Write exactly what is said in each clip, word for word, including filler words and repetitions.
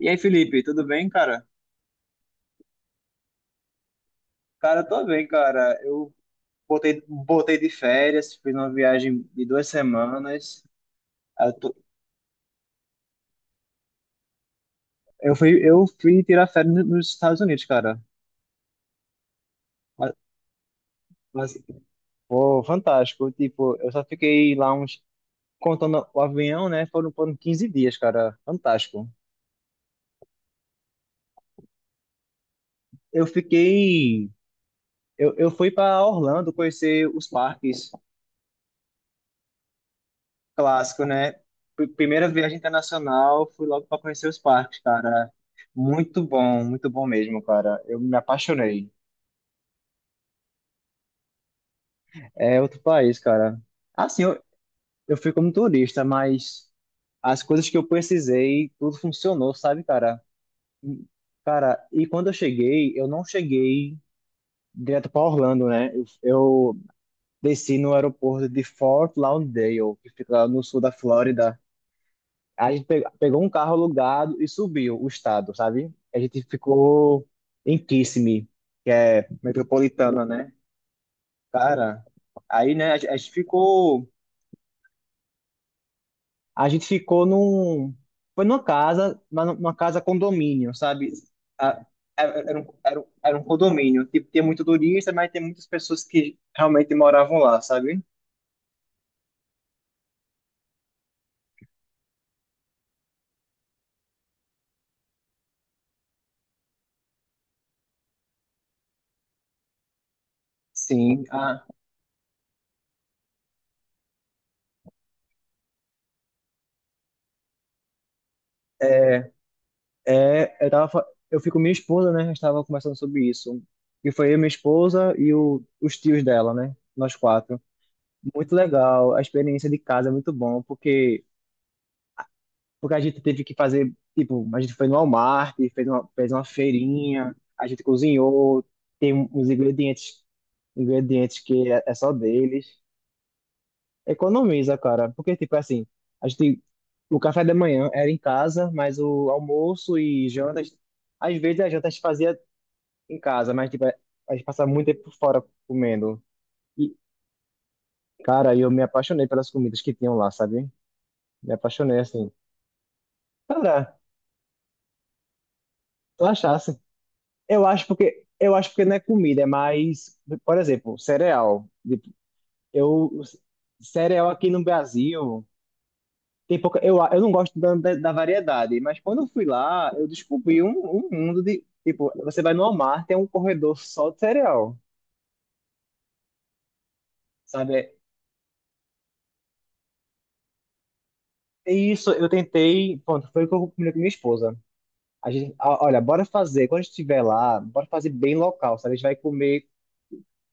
E aí, Felipe, tudo bem, cara? Cara, eu tô bem, cara. Eu botei, botei de férias, fiz uma viagem de duas semanas. Eu, tô- eu fui, eu fui tirar férias no- nos Estados Unidos, cara. Mas, mas, Pô, fantástico. Tipo, eu só fiquei lá uns, contando o avião, né? Foram, foram quinze dias, cara. Fantástico. Eu fiquei, eu, eu fui pra Orlando conhecer os parques. Clássico, né? P- Primeira viagem internacional, fui logo para conhecer os parques, cara. Muito bom, muito bom mesmo, cara. Eu me apaixonei. É outro país, cara. Assim, eu, eu fui como turista, mas as coisas que eu precisei, tudo funcionou, sabe, cara? E- Cara, e quando eu cheguei, eu não cheguei direto para Orlando, né? Eu, eu desci no aeroporto de Fort Lauderdale, que fica lá no sul da Flórida. A gente pe- pegou um carro alugado e subiu o estado, sabe? A gente ficou em Kissimmee, que é metropolitana, né? Cara, aí, né, a gente a gente ficou, a gente ficou num, foi numa casa, mas numa casa condomínio, sabe? A- Era era um, era um, era um condomínio, tipo, tinha muito turista, mas tem muitas pessoas que realmente moravam lá, sabe? Sim. É, eu tava, fa- eu fico com minha esposa, né? A gente tava conversando sobre isso. E foi eu, minha esposa e o, os tios dela, né? Nós quatro. Muito legal. A experiência de casa é muito bom, porque, porque a gente teve que fazer, tipo, a gente foi no Walmart, fez uma, fez uma feirinha, a gente cozinhou, tem uns ingredientes, ingredientes que é, é só deles. Economiza, cara. Porque, tipo, assim, a gente, o café da manhã era em casa, mas o almoço e janta, às vezes a janta a gente fazia em casa, mas tipo, é, a gente passa muito tempo fora comendo. E, cara, eu me apaixonei pelas comidas que tinham lá, sabe? Me apaixonei assim. Cara, tu achasse? Eu acho porque eu acho porque não é comida, é mais, por exemplo, cereal. Tipo, Eu cereal aqui no Brasil tem pouca. Eu, eu não gosto da, da da variedade, mas quando eu fui lá, eu descobri um, um mundo de tipo, você vai no Walmart, tem um corredor só de cereal, sabe? E isso eu tentei, pronto, foi o que eu combinei com minha esposa. A gente, a- olha, bora fazer, quando a gente estiver lá, bora fazer bem local, sabe? A gente vai comer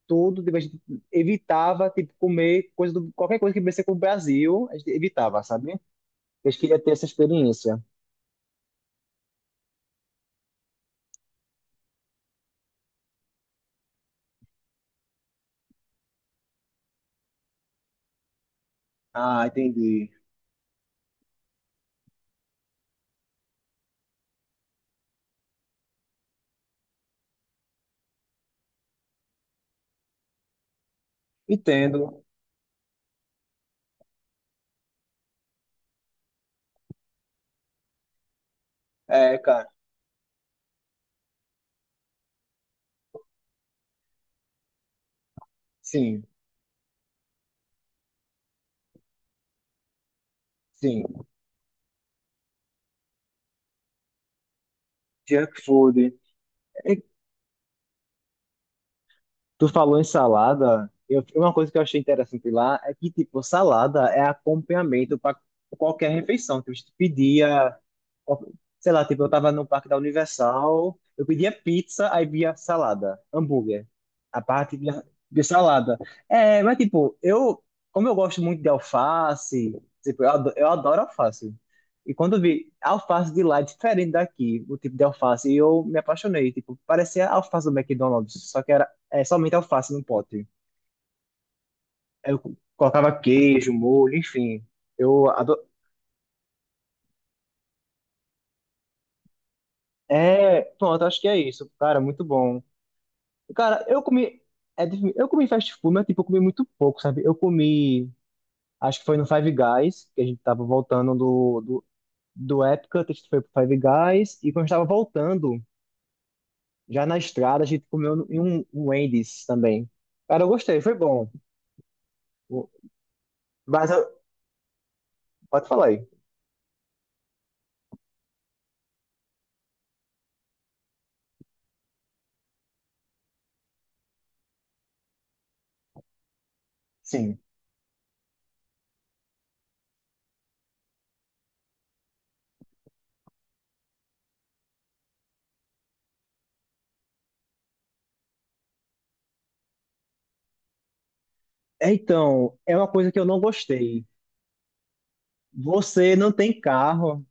tudo, tipo, a gente evitava, tipo, comer coisa do, qualquer coisa que viesse com o Brasil, a gente evitava, sabe? A gente queria ter essa experiência. Ah, entendi. Entendo. É, cara, sim, sim. Junk food. É, tu falou em salada, eu, uma coisa que eu achei interessante lá é que, tipo, salada é acompanhamento para qualquer refeição. Tipo, a gente pedia sei lá, tipo, eu tava no parque da Universal, eu pedia pizza, aí via salada, hambúrguer. A parte via, via salada. É, mas tipo, eu, como eu gosto muito de alface, tipo, eu adoro, eu adoro alface. E quando eu vi a alface de lá é diferente daqui, o tipo de alface, e eu me apaixonei, tipo, parecia a alface do McDonald's, só que era é, somente alface no pote. Aí Eu colocava queijo, molho, enfim. Eu adoro. É, pronto, acho que é isso. Cara, muito bom. Cara, eu comi. É, difí- eu comi fast food, mas tipo, eu comi muito pouco, sabe? Eu comi. Acho que foi no Five Guys, que a gente tava voltando do, do, do Épica, a gente foi pro Five Guys. E quando a gente tava voltando, já na estrada, a gente comeu no- em um, um Wendy's também. Cara, eu gostei, foi bom. O- Mas eu- Pode falar aí. Sim. É, então, é uma coisa que eu não gostei. Você não tem carro.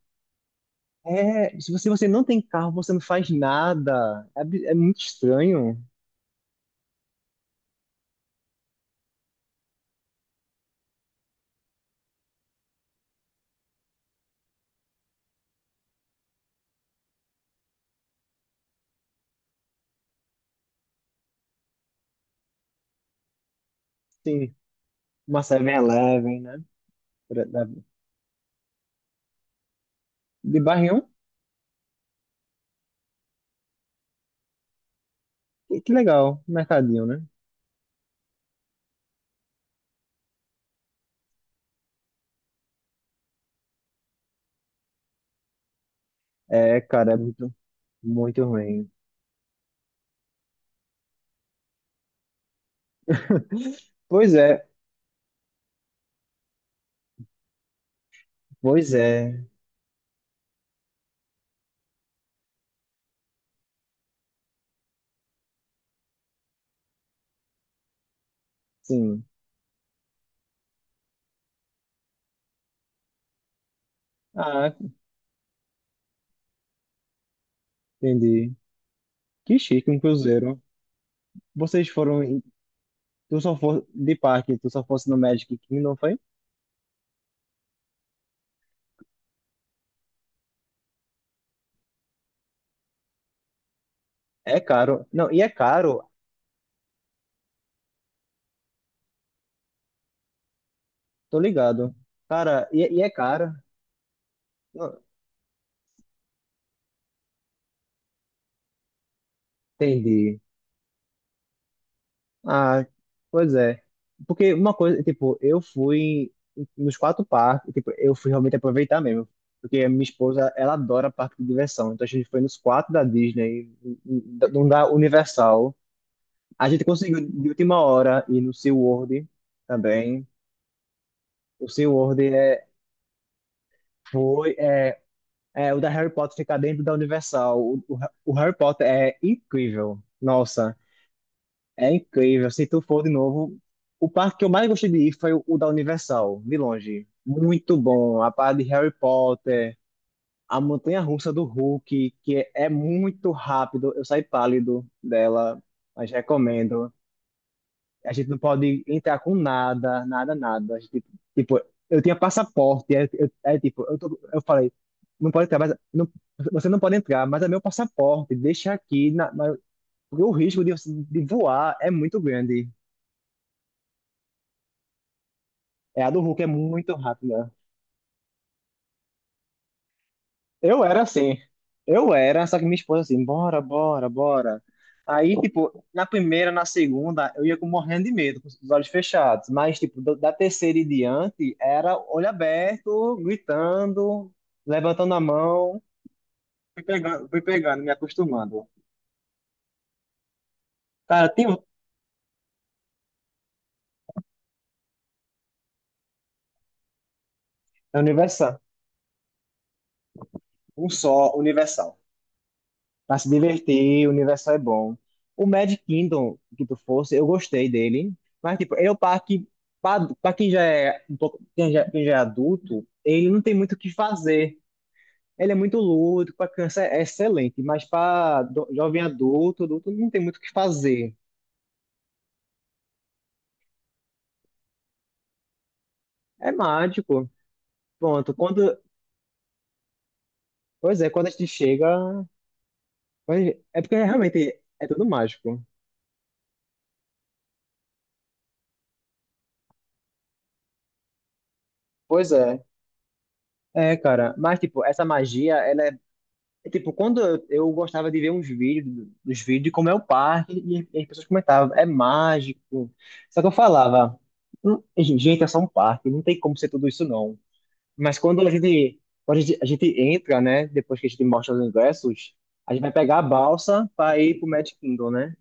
É, se você, você não tem carro, você não faz nada. É, bi- é muito estranho. Uma 7-Eleven, né? Pra- da- De barra um, que, que legal, mercadinho, né? É, cara, é muito, muito ruim. Pois é, pois é, sim. Ah, entendi. Que chique, um cruzeiro. Vocês foram, em- tu só for de parque, tu só fosse no Magic Kingdom, não foi? É caro. Não, e é caro, tô ligado. Cara, e, e é caro. Não, entendi. Ah, pois é. Porque uma coisa, tipo, eu fui nos quatro parques, tipo, eu fui realmente aproveitar mesmo. Porque a minha esposa, ela adora parque de diversão. Então a gente foi nos quatro da Disney, não da Universal. A gente conseguiu de última hora ir no SeaWorld também. O SeaWorld é, foi, é, é, o da Harry Potter ficar dentro da Universal. O, o, o Harry Potter é incrível. Nossa. É incrível. Se tu for de novo, o parque que eu mais gostei de ir foi o o da Universal, de longe. Muito bom. A parte de Harry Potter, a montanha-russa do Hulk, que é é muito rápido. Eu saí pálido dela, mas recomendo. A gente não pode entrar com nada, nada, nada. A gente, tipo, eu tinha passaporte, é, eu- é tipo, eu, tô- eu falei, não pode entrar, mas não, você não pode entrar, mas é meu passaporte, deixa aqui, na, mas- Porque o risco de, você- de voar é muito grande. É, a do Hulk é muito rápida. Eu era assim. Eu era, só que minha esposa assim, bora, bora, bora. Aí, tipo, na primeira, na segunda, eu ia com morrendo de medo, com os olhos fechados. Mas, tipo, do- da terceira em diante, era olho aberto, gritando, levantando a mão. Fui pegando, fui pegando, me acostumando. Cara, tem um... É universal. Um só, universal. Pra se divertir, o universo é bom. O Magic Kingdom, que tu fosse, eu gostei dele. Mas, tipo, ele é o parque. Pra, pra quem já é um pouco, quem já, quem já é adulto, ele não tem muito o que fazer. Ele é muito lúdico, pra criança é excelente, mas pra do- jovem adulto, adulto não tem muito o que fazer. É mágico. Pronto, quando. Pois é, quando a gente chega. quando a gente- É porque realmente é tudo mágico. Pois é. É, cara, mas tipo, essa magia, ela é É tipo, quando eu, eu gostava de ver uns vídeos, dos vídeos de como é o parque, e, e as pessoas comentavam, é mágico. Só que eu falava, "Hum, gente, é só um parque, não tem como ser tudo isso não." Mas quando a gente, quando a gente, a gente entra, né, depois que a gente mostra os ingressos, a gente vai pegar a balsa para ir pro Magic Kingdom, né?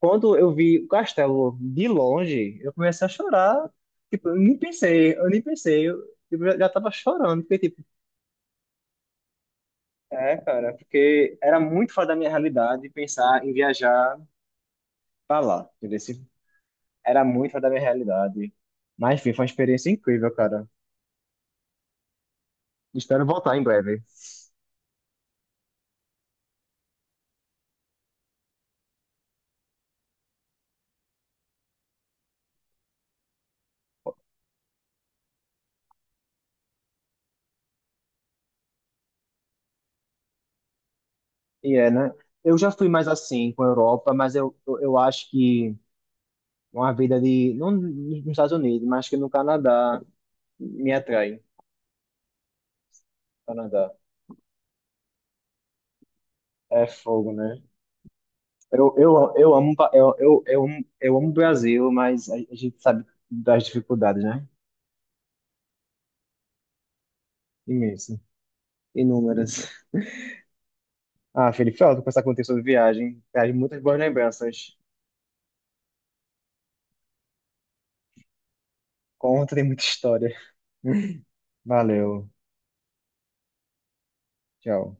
Quando eu vi o castelo de longe, eu comecei a chorar. Tipo, eu nem pensei, eu nem pensei, eu, tipo, já, já tava chorando, porque, tipo, é, cara, porque era muito fora da minha realidade pensar em viajar pra lá, entendeu? Era muito fora da minha realidade. Mas, enfim, foi uma experiência incrível, cara. Espero voltar em breve. E é, né? Eu já fui mais assim com a Europa, mas eu, eu, eu acho que uma vida de... Não nos Estados Unidos, mas que no Canadá me atrai. Canadá. É fogo, né? Eu, eu, eu amo, pa- eu, eu, eu, amo- eu amo o Brasil, mas a a gente sabe das dificuldades, né? Imenso. Inúmeras. Ah, Felipe, foi ótimo conversar contigo sobre viagem. Viagem, muitas boas lembranças. Conta, tem muita história. Valeu. Tchau.